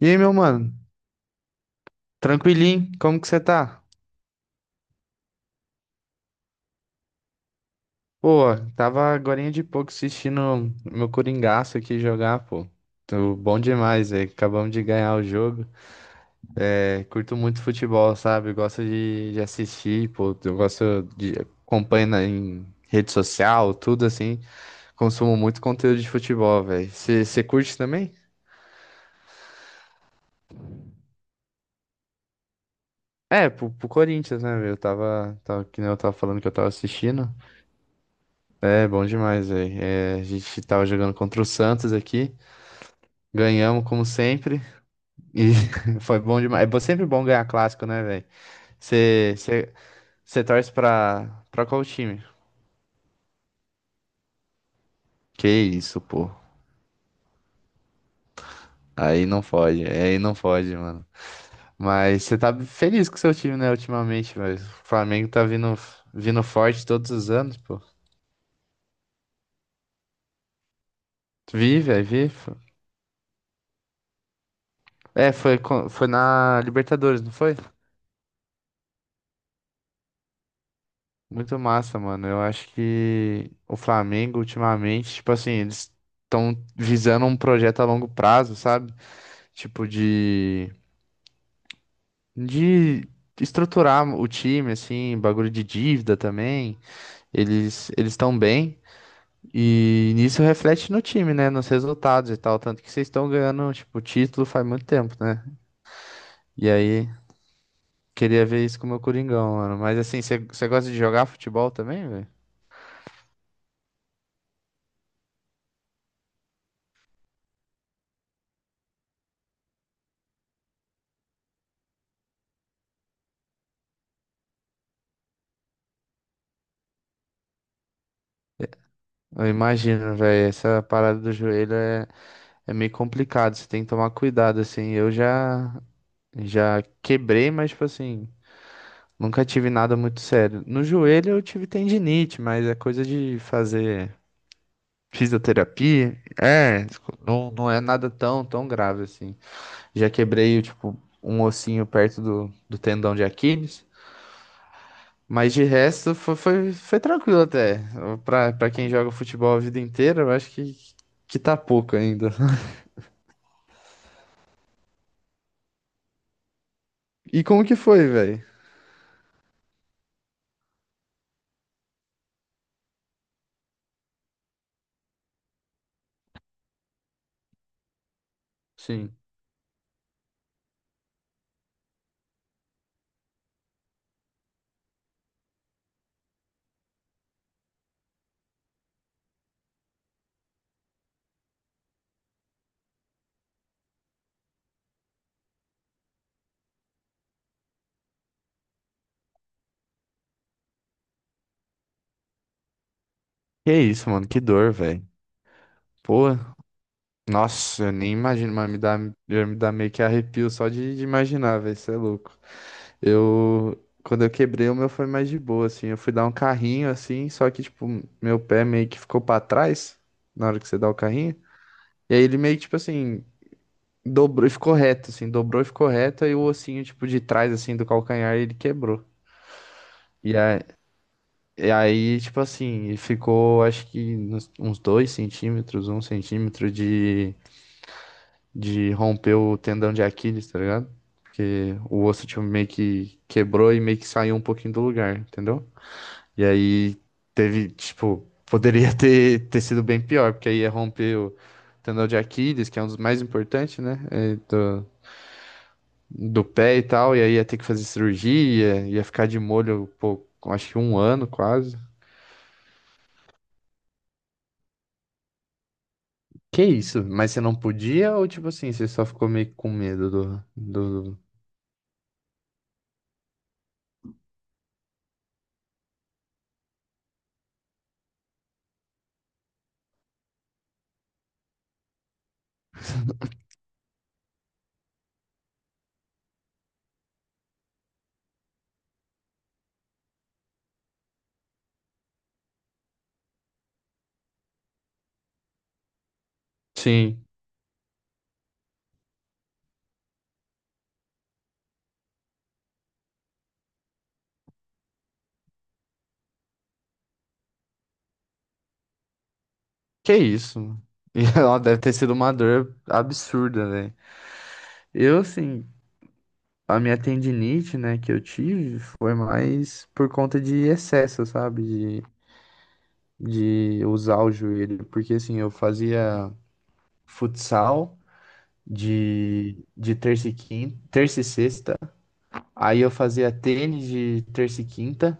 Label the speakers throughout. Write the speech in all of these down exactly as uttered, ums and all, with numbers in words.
Speaker 1: E aí, meu mano? Tranquilinho? Como que você tá? Pô, tava agorinha de pouco assistindo meu Coringaço aqui jogar, pô. Tô bom demais, velho. Acabamos de ganhar o jogo. É, curto muito futebol, sabe? Gosto de, de assistir, pô. Eu gosto de acompanho na- em rede social, tudo assim. Consumo muito conteúdo de futebol, velho. Você curte também? É, pro, pro Corinthians, né, velho? Eu tava, tava, que nem eu tava falando que eu tava assistindo. É, bom demais, velho. É, a gente tava jogando contra o Santos aqui. Ganhamos como sempre e foi bom demais. É sempre bom ganhar clássico, né, velho? Você torce pra, pra qual time? Que isso, pô. Aí não pode, aí não pode, mano. Mas você tá feliz com o seu time, né, ultimamente, velho? O Flamengo tá vindo, vindo forte todos os anos, pô. Vi, velho, vi. É, foi, co- foi na Libertadores, não foi? Muito massa, mano. Eu acho que o Flamengo, ultimamente, tipo assim, eles estão visando um projeto a longo prazo, sabe? Tipo de, de estruturar o time, assim, bagulho de dívida também. Eles eles estão bem e nisso reflete no time, né? Nos resultados e tal. Tanto que vocês estão ganhando, tipo, título faz muito tempo, né? E aí, queria ver isso com o meu Coringão, mano. Mas assim, você você gosta de jogar futebol também, velho? Eu imagino, velho, essa parada do joelho é, é meio complicado, você tem que tomar cuidado, assim. Eu já já quebrei, mas, tipo assim, nunca tive nada muito sério. No joelho eu tive tendinite, mas é coisa de fazer fisioterapia. É, tipo, não, não é nada tão, tão grave assim. Já quebrei, tipo, um ossinho perto do, do tendão de Aquiles. Mas de resto foi, foi, foi tranquilo até. Pra, pra quem joga futebol a vida inteira, eu acho que, que tá pouco ainda. E como que foi, velho? Sim. Que isso, mano, que dor, velho. Pô. Nossa, eu nem imagino, mas me dá, já me dá meio que arrepio só de, de imaginar, velho, isso é louco. Eu, quando eu quebrei, o meu foi mais de boa, assim, eu fui dar um carrinho, assim, só que, tipo, meu pé meio que ficou pra trás, na hora que você dá o carrinho, e aí ele meio que, tipo assim, dobrou e ficou reto, assim, dobrou e ficou reto, aí o ossinho, tipo, de trás, assim, do calcanhar, ele quebrou. E aí, e aí, tipo assim, ficou, acho que nos- uns dois centímetros, um centímetro de de romper o tendão de Aquiles, tá ligado? Porque o osso tipo, meio que quebrou e meio que saiu um pouquinho do lugar, entendeu? E aí teve, tipo, poderia ter, ter sido bem pior, porque aí ia romper o tendão de Aquiles, que é um dos mais importantes, né? É, do, do pé e tal, e aí ia ter que fazer cirurgia, ia ficar de molho, pô, acho que um ano quase. Que isso? Mas você não podia ou tipo assim, você só ficou meio com medo do, do... Sim. Que isso? E ela deve ter sido uma dor absurda, né? Eu, assim, a minha tendinite, né, que eu tive foi mais por conta de excesso, sabe? De, de usar o joelho. Porque, assim, eu fazia futsal de, de terça e quinta, terça e sexta. Aí eu fazia tênis de terça e quinta.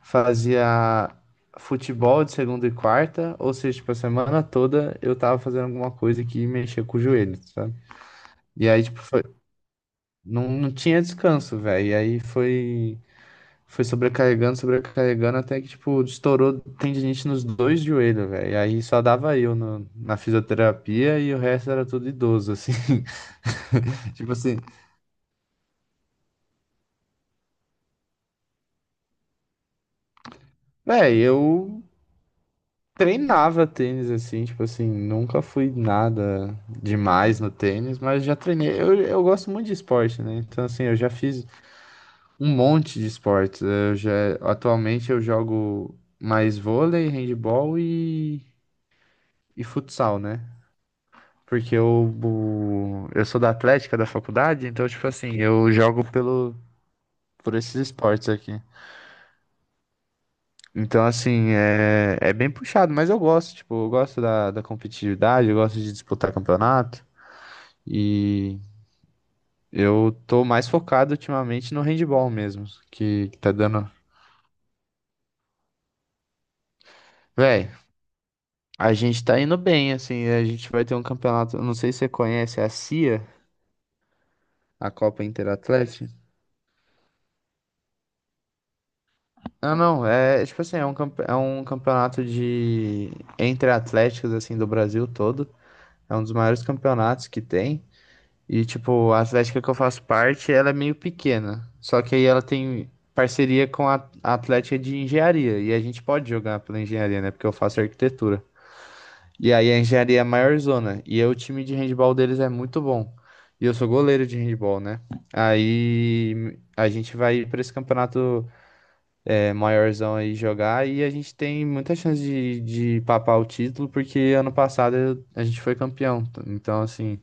Speaker 1: Fazia futebol de segunda e quarta. Ou seja, tipo, a semana toda eu tava fazendo alguma coisa que mexia com o joelho. E aí, tipo, foi... não, não tinha descanso, velho. E aí foi, foi sobrecarregando, sobrecarregando, até que, tipo, estourou tendinite nos dois joelhos, velho. E aí só dava eu no- na fisioterapia e o resto era tudo idoso, assim. Tipo assim, velho, eu treinava tênis, assim, tipo assim, nunca fui nada demais no tênis, mas já treinei. Eu, eu gosto muito de esporte, né? Então, assim, eu já fiz. Um monte de esportes. É, eu já, atualmente eu jogo mais vôlei, handebol e, e futsal, né? Porque eu, o- eu sou da Atlética da faculdade, então, tipo assim, eu jogo pelo, por esses esportes aqui. Então, assim, é, é bem puxado, mas eu gosto, tipo, eu gosto da, da competitividade, eu gosto de disputar campeonato. E eu tô mais focado ultimamente no handebol mesmo, que, que tá dando. Véi. A gente tá indo bem, assim, a gente vai ter um campeonato, não sei se você conhece é a C I A, a Copa Interatlética. Não, não, é é tipo assim, é um, campe- é um campeonato de entre atléticos, assim, do Brasil todo. É um dos maiores campeonatos que tem. E, tipo, a Atlética que eu faço parte, ela é meio pequena. Só que aí ela tem parceria com a a Atlética de Engenharia. E a gente pode jogar pela engenharia, né? Porque eu faço arquitetura. E aí a engenharia é a maior zona. E aí o time de handball deles é muito bom. E eu sou goleiro de handball, né? Aí a gente vai pra esse campeonato é, maiorzão aí jogar e a gente tem muita chance de, de papar o título, porque ano passado eu- a gente foi campeão. Então, assim,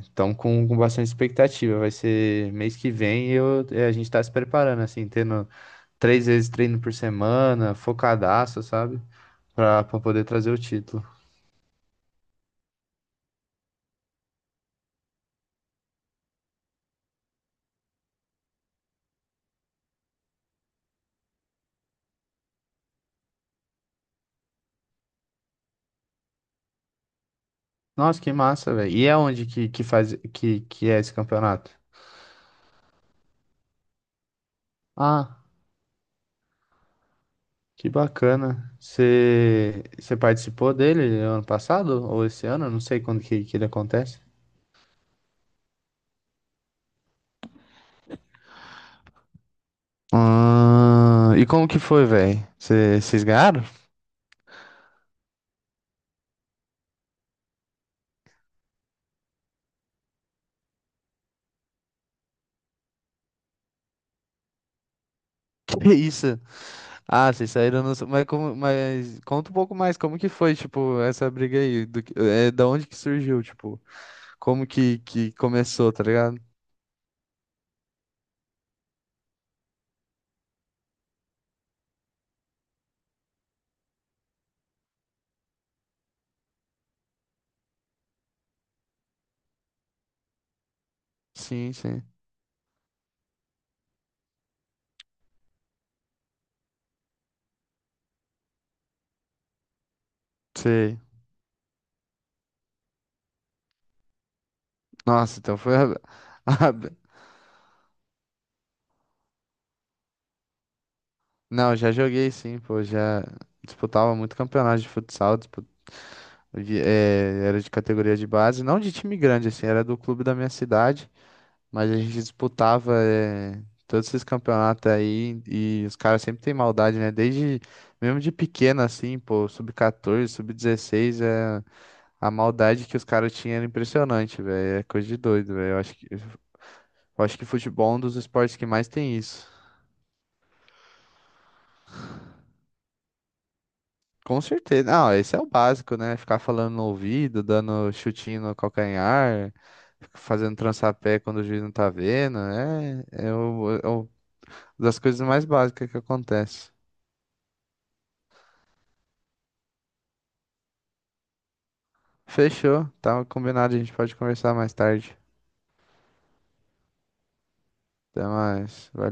Speaker 1: estamos com, com bastante expectativa. Vai ser mês que vem e eu, é, a gente está se preparando, assim, tendo três vezes treino por semana, focadaço, sabe? Para poder trazer o título. Nossa, que massa, velho. E é onde que, que faz que, que é esse campeonato? Ah, que bacana. Você você participou dele ano passado ou esse ano? Eu não sei quando que, que ele acontece. Ah, e como que foi, velho? Vocês ganharam? Que isso? Ah, vocês saíram no... Mas, como, mas conta um pouco mais, como que foi, tipo, essa briga aí? Do, que- é, da onde que surgiu, tipo, como que, que começou, tá ligado? Sim, sim. Sei. Nossa, então foi a, não, já joguei sim, pô, já disputava muito campeonato de futsal, dispu- de- eh, era de categoria de base, não de time grande, assim, era do clube da minha cidade, mas a gente disputava eh, todos esses campeonatos aí e os caras sempre têm maldade, né? Desde, mesmo de pequeno, assim, pô, sub quatorze, sub dezesseis, é, a maldade que os caras tinham era impressionante, velho, é coisa de doido, velho, eu acho que, eu acho que futebol é um dos esportes que mais tem isso. Com certeza. Não, esse é o básico, né? Ficar falando no ouvido, dando chutinho no calcanhar, fazendo trançapé quando o juiz não tá vendo. É, é, o, é o- das coisas mais básicas que acontece. Fechou. Tá combinado, a gente pode conversar mais tarde. Até mais. Valeu.